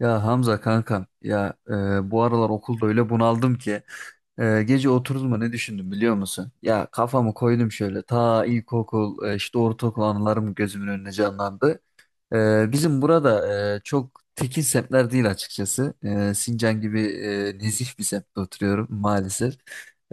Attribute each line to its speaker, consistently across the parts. Speaker 1: Ya Hamza kankam ya bu aralar okulda öyle bunaldım ki gece oturdum mu ne düşündüm biliyor musun? Ya kafamı koydum şöyle ta ilkokul işte ortaokul anılarım gözümün önüne canlandı. Bizim burada çok tekin semtler değil açıkçası. Sincan gibi nezih bir semtte oturuyorum maalesef.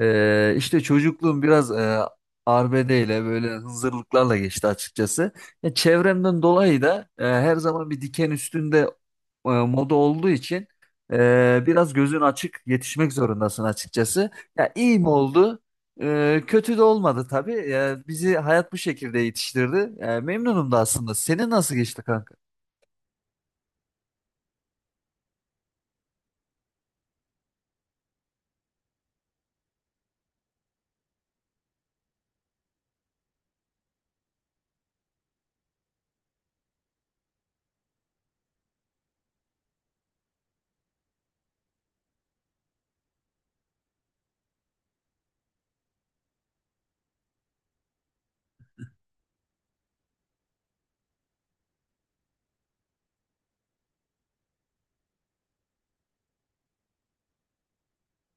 Speaker 1: İşte çocukluğum biraz arbede ile böyle hınzırlıklarla geçti açıkçası. Ya, çevremden dolayı da her zaman bir diken üstünde moda olduğu için biraz gözün açık yetişmek zorundasın açıkçası. Ya iyi mi oldu? Kötü de olmadı tabii. Bizi hayat bu şekilde yetiştirdi. Memnunum da aslında. Senin nasıl geçti kanka?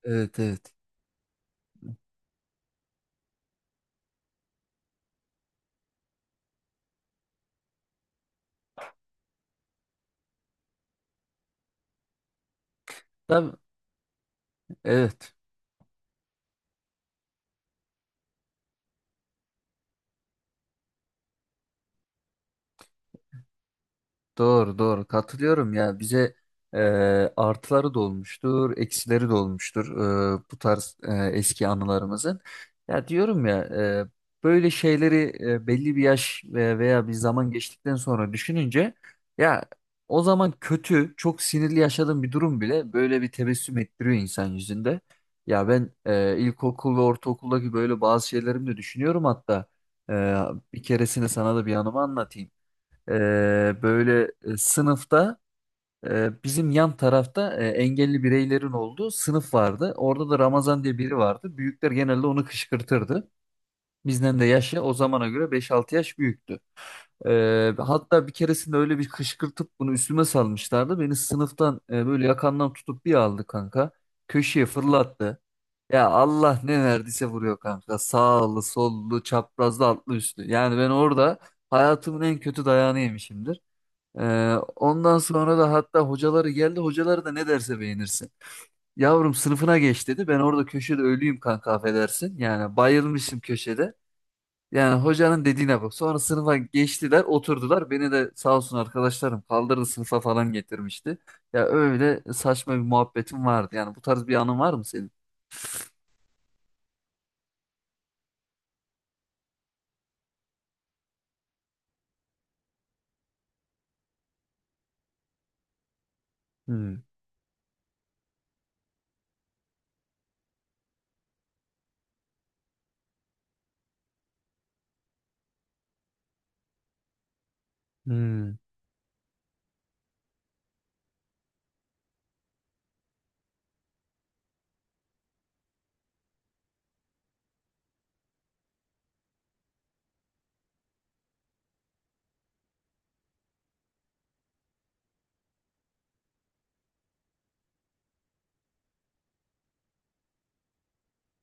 Speaker 1: Evet, evet. Tabii. Evet. Doğru, doğru, katılıyorum ya bize e, artıları da olmuştur, eksileri de olmuştur bu tarz eski anılarımızın. Ya diyorum ya böyle şeyleri belli bir yaş veya bir zaman geçtikten sonra düşününce ya o zaman kötü, çok sinirli yaşadığım bir durum bile böyle bir tebessüm ettiriyor insan yüzünde. Ya ben ilkokul ve ortaokuldaki böyle bazı şeylerimi de düşünüyorum hatta. E, bir keresini sana da bir anımı anlatayım. Böyle sınıfta bizim yan tarafta engelli bireylerin olduğu sınıf vardı. Orada da Ramazan diye biri vardı. Büyükler genelde onu kışkırtırdı. Bizden de yaşı o zamana göre 5-6 yaş büyüktü. Hatta bir keresinde öyle bir kışkırtıp bunu üstüme salmışlardı. Beni sınıftan böyle yakandan tutup bir aldı kanka. Köşeye fırlattı. Ya Allah ne verdiyse vuruyor kanka. Sağlı, sollu, çaprazlı, altlı, üstlü. Yani ben orada hayatımın en kötü dayağını yemişimdir. Ondan sonra da hatta hocaları geldi. Hocaları da ne derse beğenirsin. Yavrum, sınıfına geç dedi. Ben orada köşede ölüyüm kanka, affedersin. Yani bayılmışım köşede. Yani hocanın dediğine bak. Sonra sınıfa geçtiler, oturdular. Beni de sağ olsun arkadaşlarım kaldırdı, sınıfa falan getirmişti. Ya öyle saçma bir muhabbetim vardı. Yani bu tarz bir anın var mı senin? Hmm, hmm,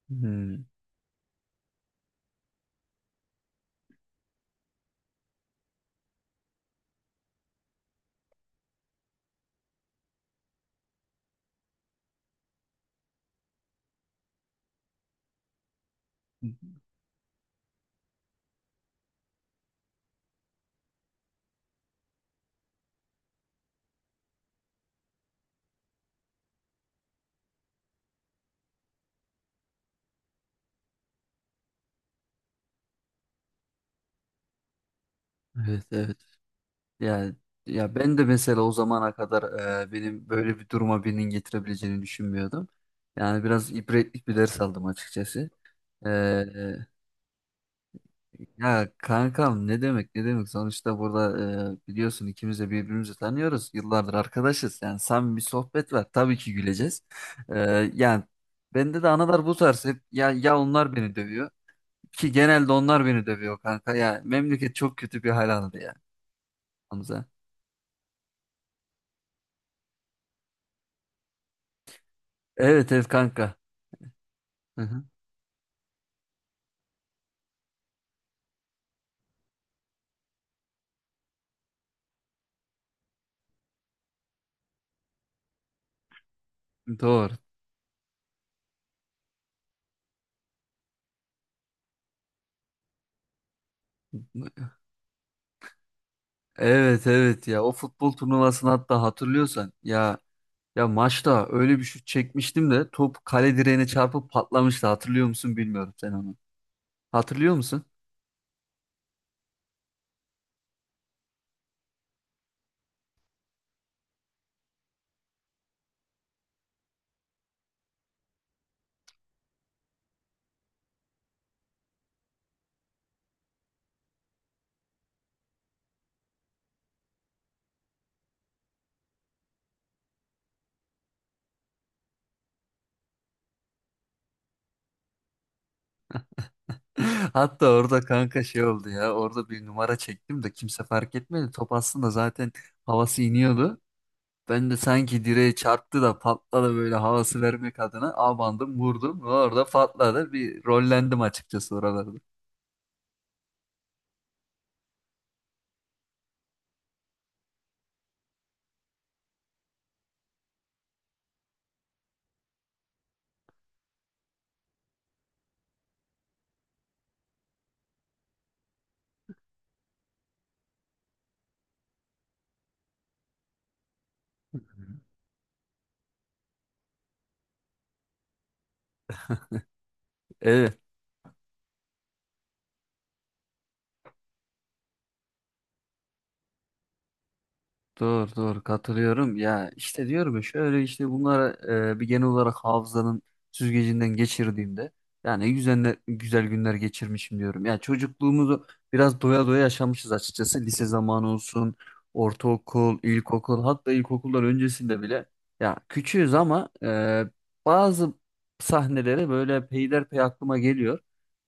Speaker 1: hmm. Evet, evet. Yani ya ben de mesela o zamana kadar benim böyle bir duruma birinin getirebileceğini düşünmüyordum. Yani biraz ibretlik bir ders aldım açıkçası. E, ya kankam, ne demek, ne demek, sonuçta burada biliyorsun ikimiz de birbirimizi tanıyoruz. Yıllardır arkadaşız. Yani samimi bir sohbet var. Tabii ki güleceğiz. E, yani bende de analar bu tarz hep, ya ya onlar beni dövüyor ki genelde onlar beni dövüyor kanka. Ya memleket çok kötü bir hal aldı ya Hamza. Evet evet kanka. Hı hı. Doğru. Evet evet, ya o futbol turnuvasını hatta, hatırlıyorsan ya, ya maçta öyle bir şut çekmiştim de top kale direğine çarpıp patlamıştı, hatırlıyor musun, bilmiyorum sen onu. Hatırlıyor musun? Hatta orada kanka şey oldu ya, orada bir numara çektim de kimse fark etmedi, top aslında zaten havası iniyordu. Ben de sanki direğe çarptı da patladı böyle havası vermek adına abandım vurdum ve orada patladı, bir rollendim açıkçası oralarda. Evet. Doğru, doğru, katılıyorum. Ya işte diyorum ya, şöyle işte bunlara bir genel olarak hafızanın süzgecinden geçirdiğimde yani güzel, güzel günler geçirmişim diyorum. Ya çocukluğumuzu biraz doya doya yaşamışız açıkçası. Lise zamanı olsun, ortaokul, ilkokul, hatta ilkokullar öncesinde bile ya küçüğüz ama bazı sahneleri böyle peyderpey aklıma geliyor.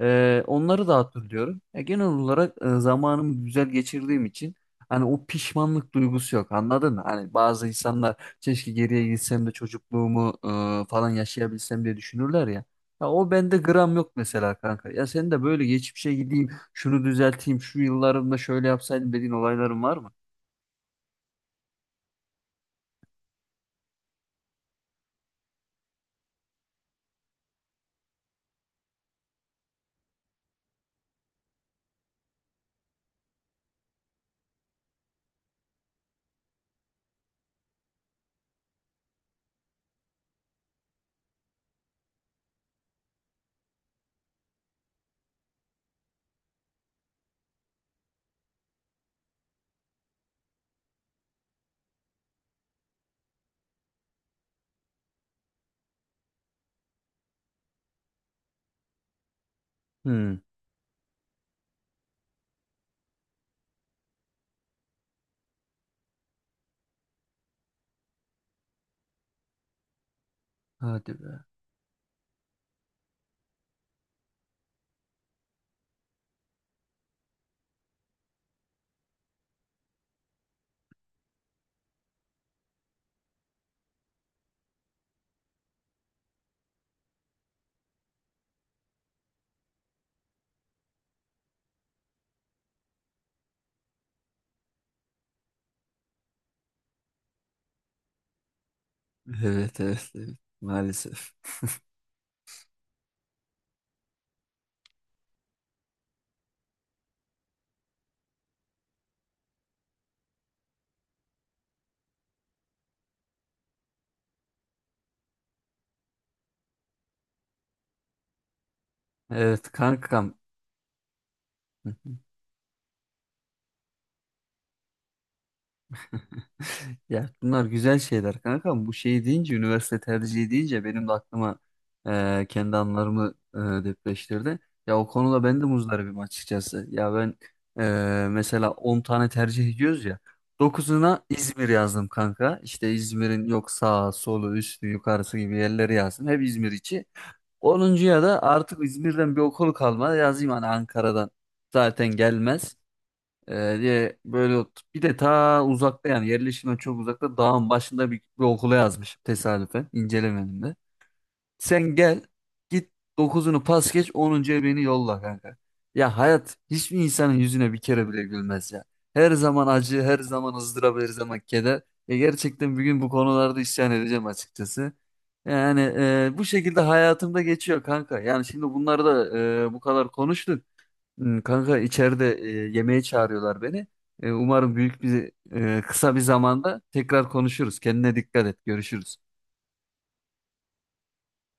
Speaker 1: Onları da hatırlıyorum. Ya genel olarak zamanımı güzel geçirdiğim için hani o pişmanlık duygusu yok, anladın mı? Hani bazı insanlar keşke geriye gitsem de çocukluğumu falan yaşayabilsem diye düşünürler ya. Ya o bende gram yok mesela kanka. Ya sen de böyle geçmişe gideyim, şunu düzelteyim, şu yıllarımda şöyle yapsaydım dediğin olayların var mı? Hmm. Hadi be. Evet, evet, evet, maalesef. Evet kankam. Ya bunlar güzel şeyler kanka. Bu şey deyince, üniversite tercihi deyince benim de aklıma kendi anılarımı depreştirdi. Ya o konuda ben de muzdaribim açıkçası. Ya ben mesela 10 tane tercih ediyoruz ya. Dokuzuna İzmir yazdım kanka. İşte İzmir'in yok sağı, solu, üstü, yukarısı gibi yerleri yazdım. Hep İzmir içi. 10'uncuya da artık İzmir'den bir okul kalmadı. Yazayım hani, Ankara'dan zaten gelmez. Diye böyle bir de ta uzakta, yani yerleşimden çok uzakta, dağın başında bir okula yazmışım, tesadüfen incelemedim de. Sen gel git, 9'unu pas geç, 10'uncuya beni yolla kanka. Ya hayat hiçbir insanın yüzüne bir kere bile gülmez ya. Her zaman acı, her zaman ızdırap, her zaman keder. Gerçekten bir gün bu konularda isyan edeceğim açıkçası. Yani bu şekilde hayatımda geçiyor kanka. Yani şimdi bunları da bu kadar konuştuk. Kanka içeride yemeğe çağırıyorlar beni. Umarım büyük bir kısa bir zamanda tekrar konuşuruz. Kendine dikkat et. Görüşürüz.